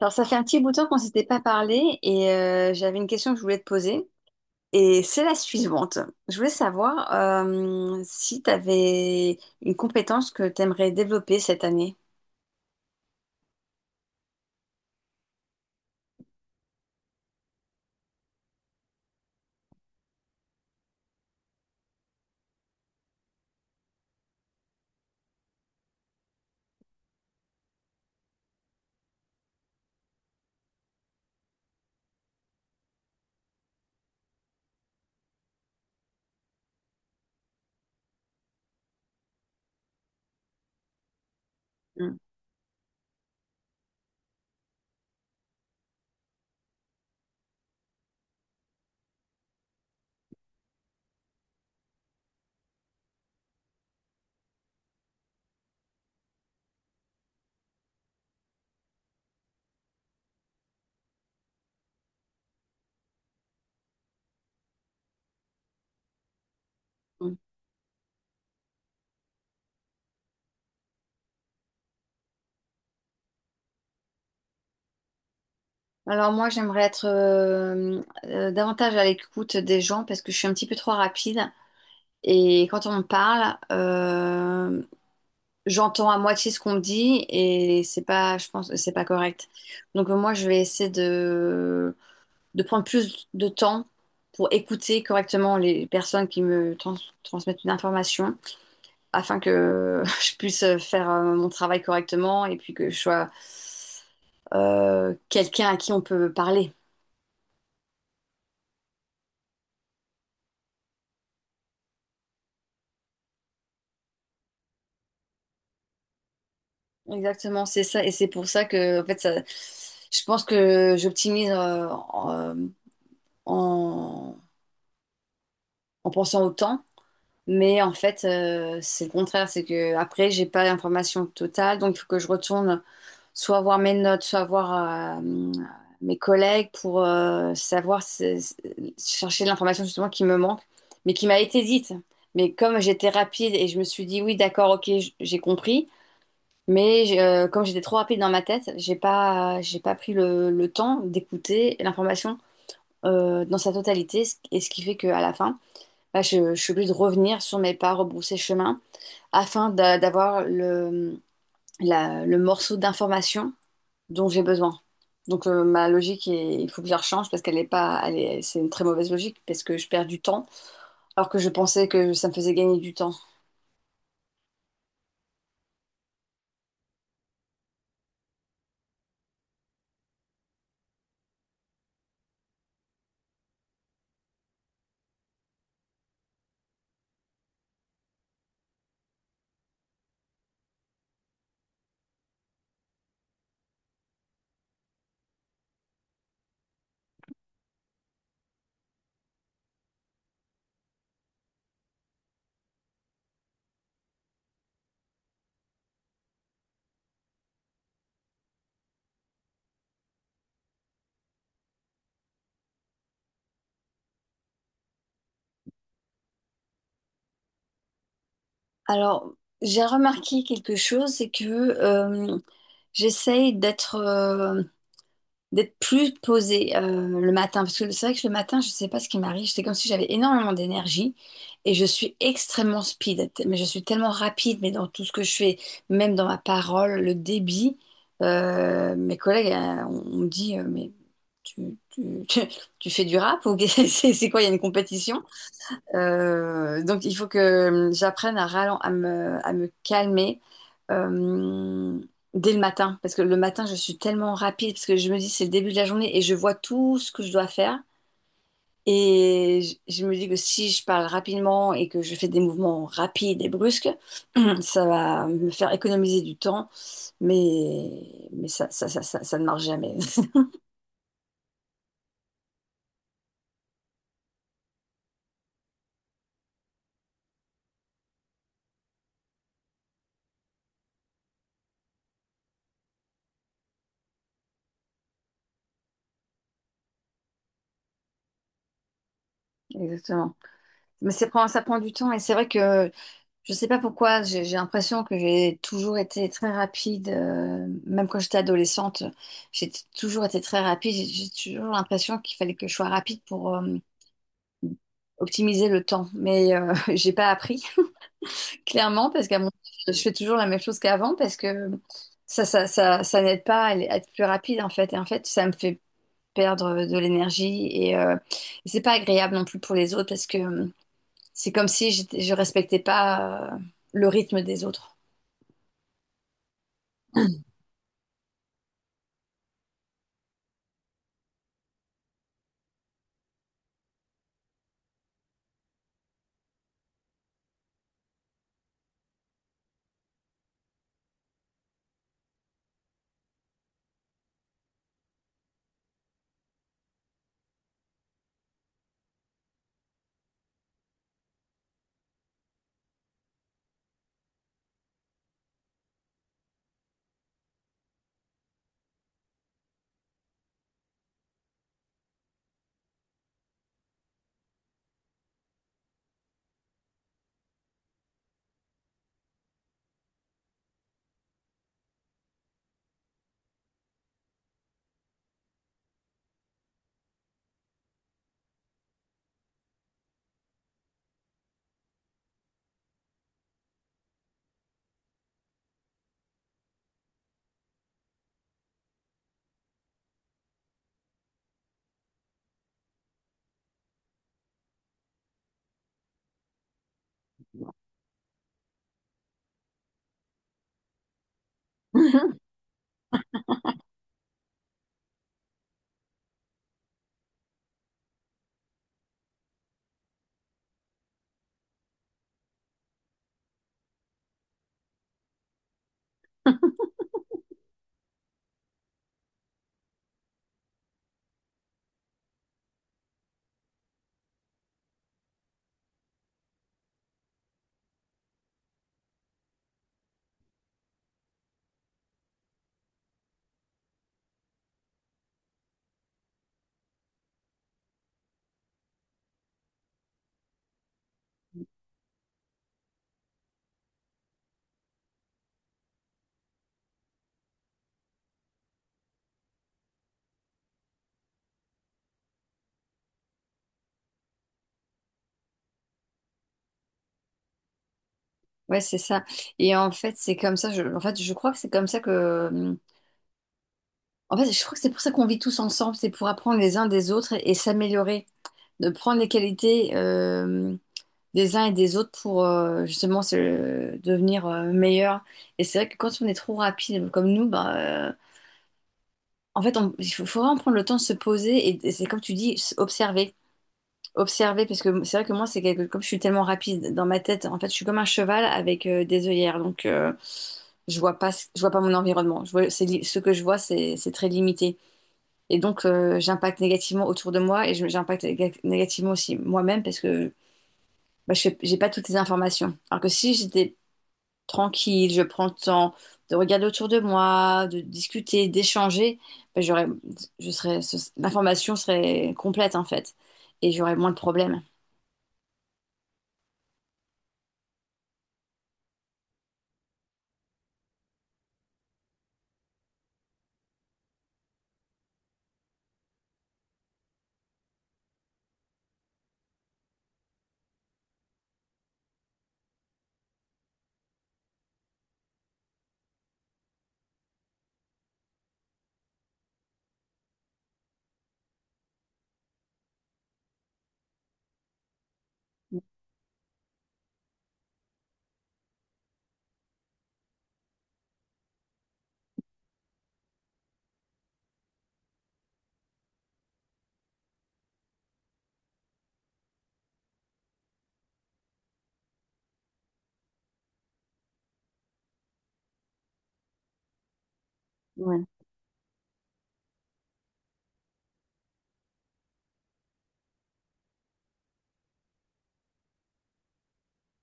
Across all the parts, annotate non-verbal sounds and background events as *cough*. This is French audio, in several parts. Alors, ça fait un petit bout de temps qu'on s'était pas parlé et j'avais une question que je voulais te poser. Et c'est la suivante. Je voulais savoir si tu avais une compétence que tu aimerais développer cette année. Mm. Mm. Alors moi, j'aimerais être davantage à l'écoute des gens parce que je suis un petit peu trop rapide. Et quand on me parle, j'entends à moitié ce qu'on me dit et c'est pas, je pense, que c'est pas correct. Donc moi, je vais essayer de prendre plus de temps pour écouter correctement les personnes qui transmettent une information afin que *laughs* je puisse faire mon travail correctement et puis que je sois quelqu'un à qui on peut parler. Exactement, c'est ça. Et c'est pour ça que, en fait, ça, je pense que j'optimise en- en pensant au temps. Mais en fait, c'est le contraire. C'est que après, j'ai pas l'information totale. Donc, il faut que je retourne soit voir mes notes, soit voir mes collègues pour savoir chercher de l'information justement qui me manque, mais qui m'a été dite. Mais comme j'étais rapide et je me suis dit oui, d'accord, ok, j'ai compris, mais comme j'étais trop rapide dans ma tête, j'ai pas pris le temps d'écouter l'information dans sa totalité, et ce qui fait qu'à la fin, bah, je suis obligée de revenir sur mes pas, rebrousser chemin, d'avoir le morceau d'information dont j'ai besoin. Donc ma logique, il faut que je la rechange parce qu'elle est pas, elle est- c'est une très mauvaise logique parce que je perds du temps alors que je pensais que ça me faisait gagner du temps. Alors j'ai remarqué quelque chose, c'est que j'essaye d'être d'être plus posée le matin. Parce que c'est vrai que le matin, je ne sais pas ce qui m'arrive. C'est comme si j'avais énormément d'énergie et je suis extrêmement speed. Mais je suis tellement rapide, mais dans tout ce que je fais, même dans ma parole, le débit. Mes collègues, on me dit, mais tu, tu- *laughs* tu fais du rap ou *laughs* c'est quoi, il y a une compétition? Donc, il faut que j'apprenne à, à me calmer euh, dès le matin. Parce que le matin, je suis tellement rapide, parce que je me dis, c'est le début de la journée et je vois tout ce que je dois faire. Et je me dis que si je parle rapidement et que je fais des mouvements rapides et brusques, *clears throat* ça va me faire économiser du temps. Mais ça ne marche jamais. *laughs* Exactement. Mais ça prend du temps et c'est vrai que je sais pas pourquoi, j'ai l'impression que j'ai toujours été très rapide, même quand j'étais adolescente, toujours été très rapide. J'ai toujours l'impression qu'il fallait que je sois rapide pour optimiser le temps. Mais *laughs* j'ai pas appris, *laughs* clairement, parce qu'à mon je fais toujours la même chose qu'avant, parce que ça n'aide pas à être plus rapide, en fait. Et en fait, ça me fait perdre de l'énergie et c'est pas agréable non plus pour les autres, parce que c'est comme si je respectais pas le rythme des autres. Ouais, c'est ça. Et en fait, c'est comme ça. En fait, je crois que c'est comme ça que. Mmh, En fait, je crois que c'est pour ça qu'on vit tous ensemble. C'est pour apprendre les uns des autres et s'améliorer. De prendre les qualités des uns et des autres pour justement devenir meilleur. Et c'est vrai que quand on est trop rapide comme nous, bah, euh, en fait, il faut, faut vraiment prendre le temps de se poser. Et c'est comme tu dis, observer. Observer parce que c'est vrai que moi c'est quelque comme je suis tellement rapide dans ma tête en fait je suis comme un cheval avec des œillères donc je vois pas ce- je vois pas mon environnement je vois ce que je vois c'est très limité et donc j'impacte négativement autour de moi et j'impacte négativement aussi moi-même parce que bah, j'ai pas toutes les informations alors que si j'étais tranquille je prends le temps de regarder autour de moi de discuter d'échanger bah, j'aurais l'information serait complète en fait et j'aurais moins de problèmes.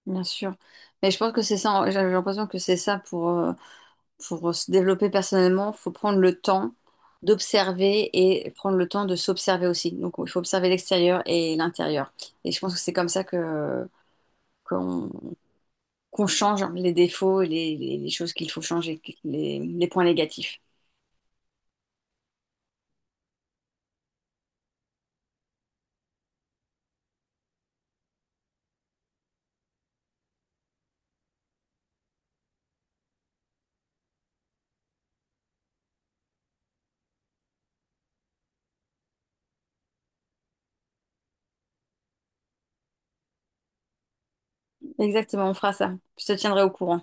Bien sûr. Mais je pense que c'est ça, j'ai l'impression que c'est ça pour, se développer personnellement, faut prendre le temps d'observer et prendre le temps de s'observer aussi. Donc il faut observer l'extérieur et l'intérieur. Et je pense que c'est comme ça que qu'on qu'on change les défauts et les choses qu'il faut changer, les points négatifs. Exactement, on fera ça. Je te tiendrai au courant.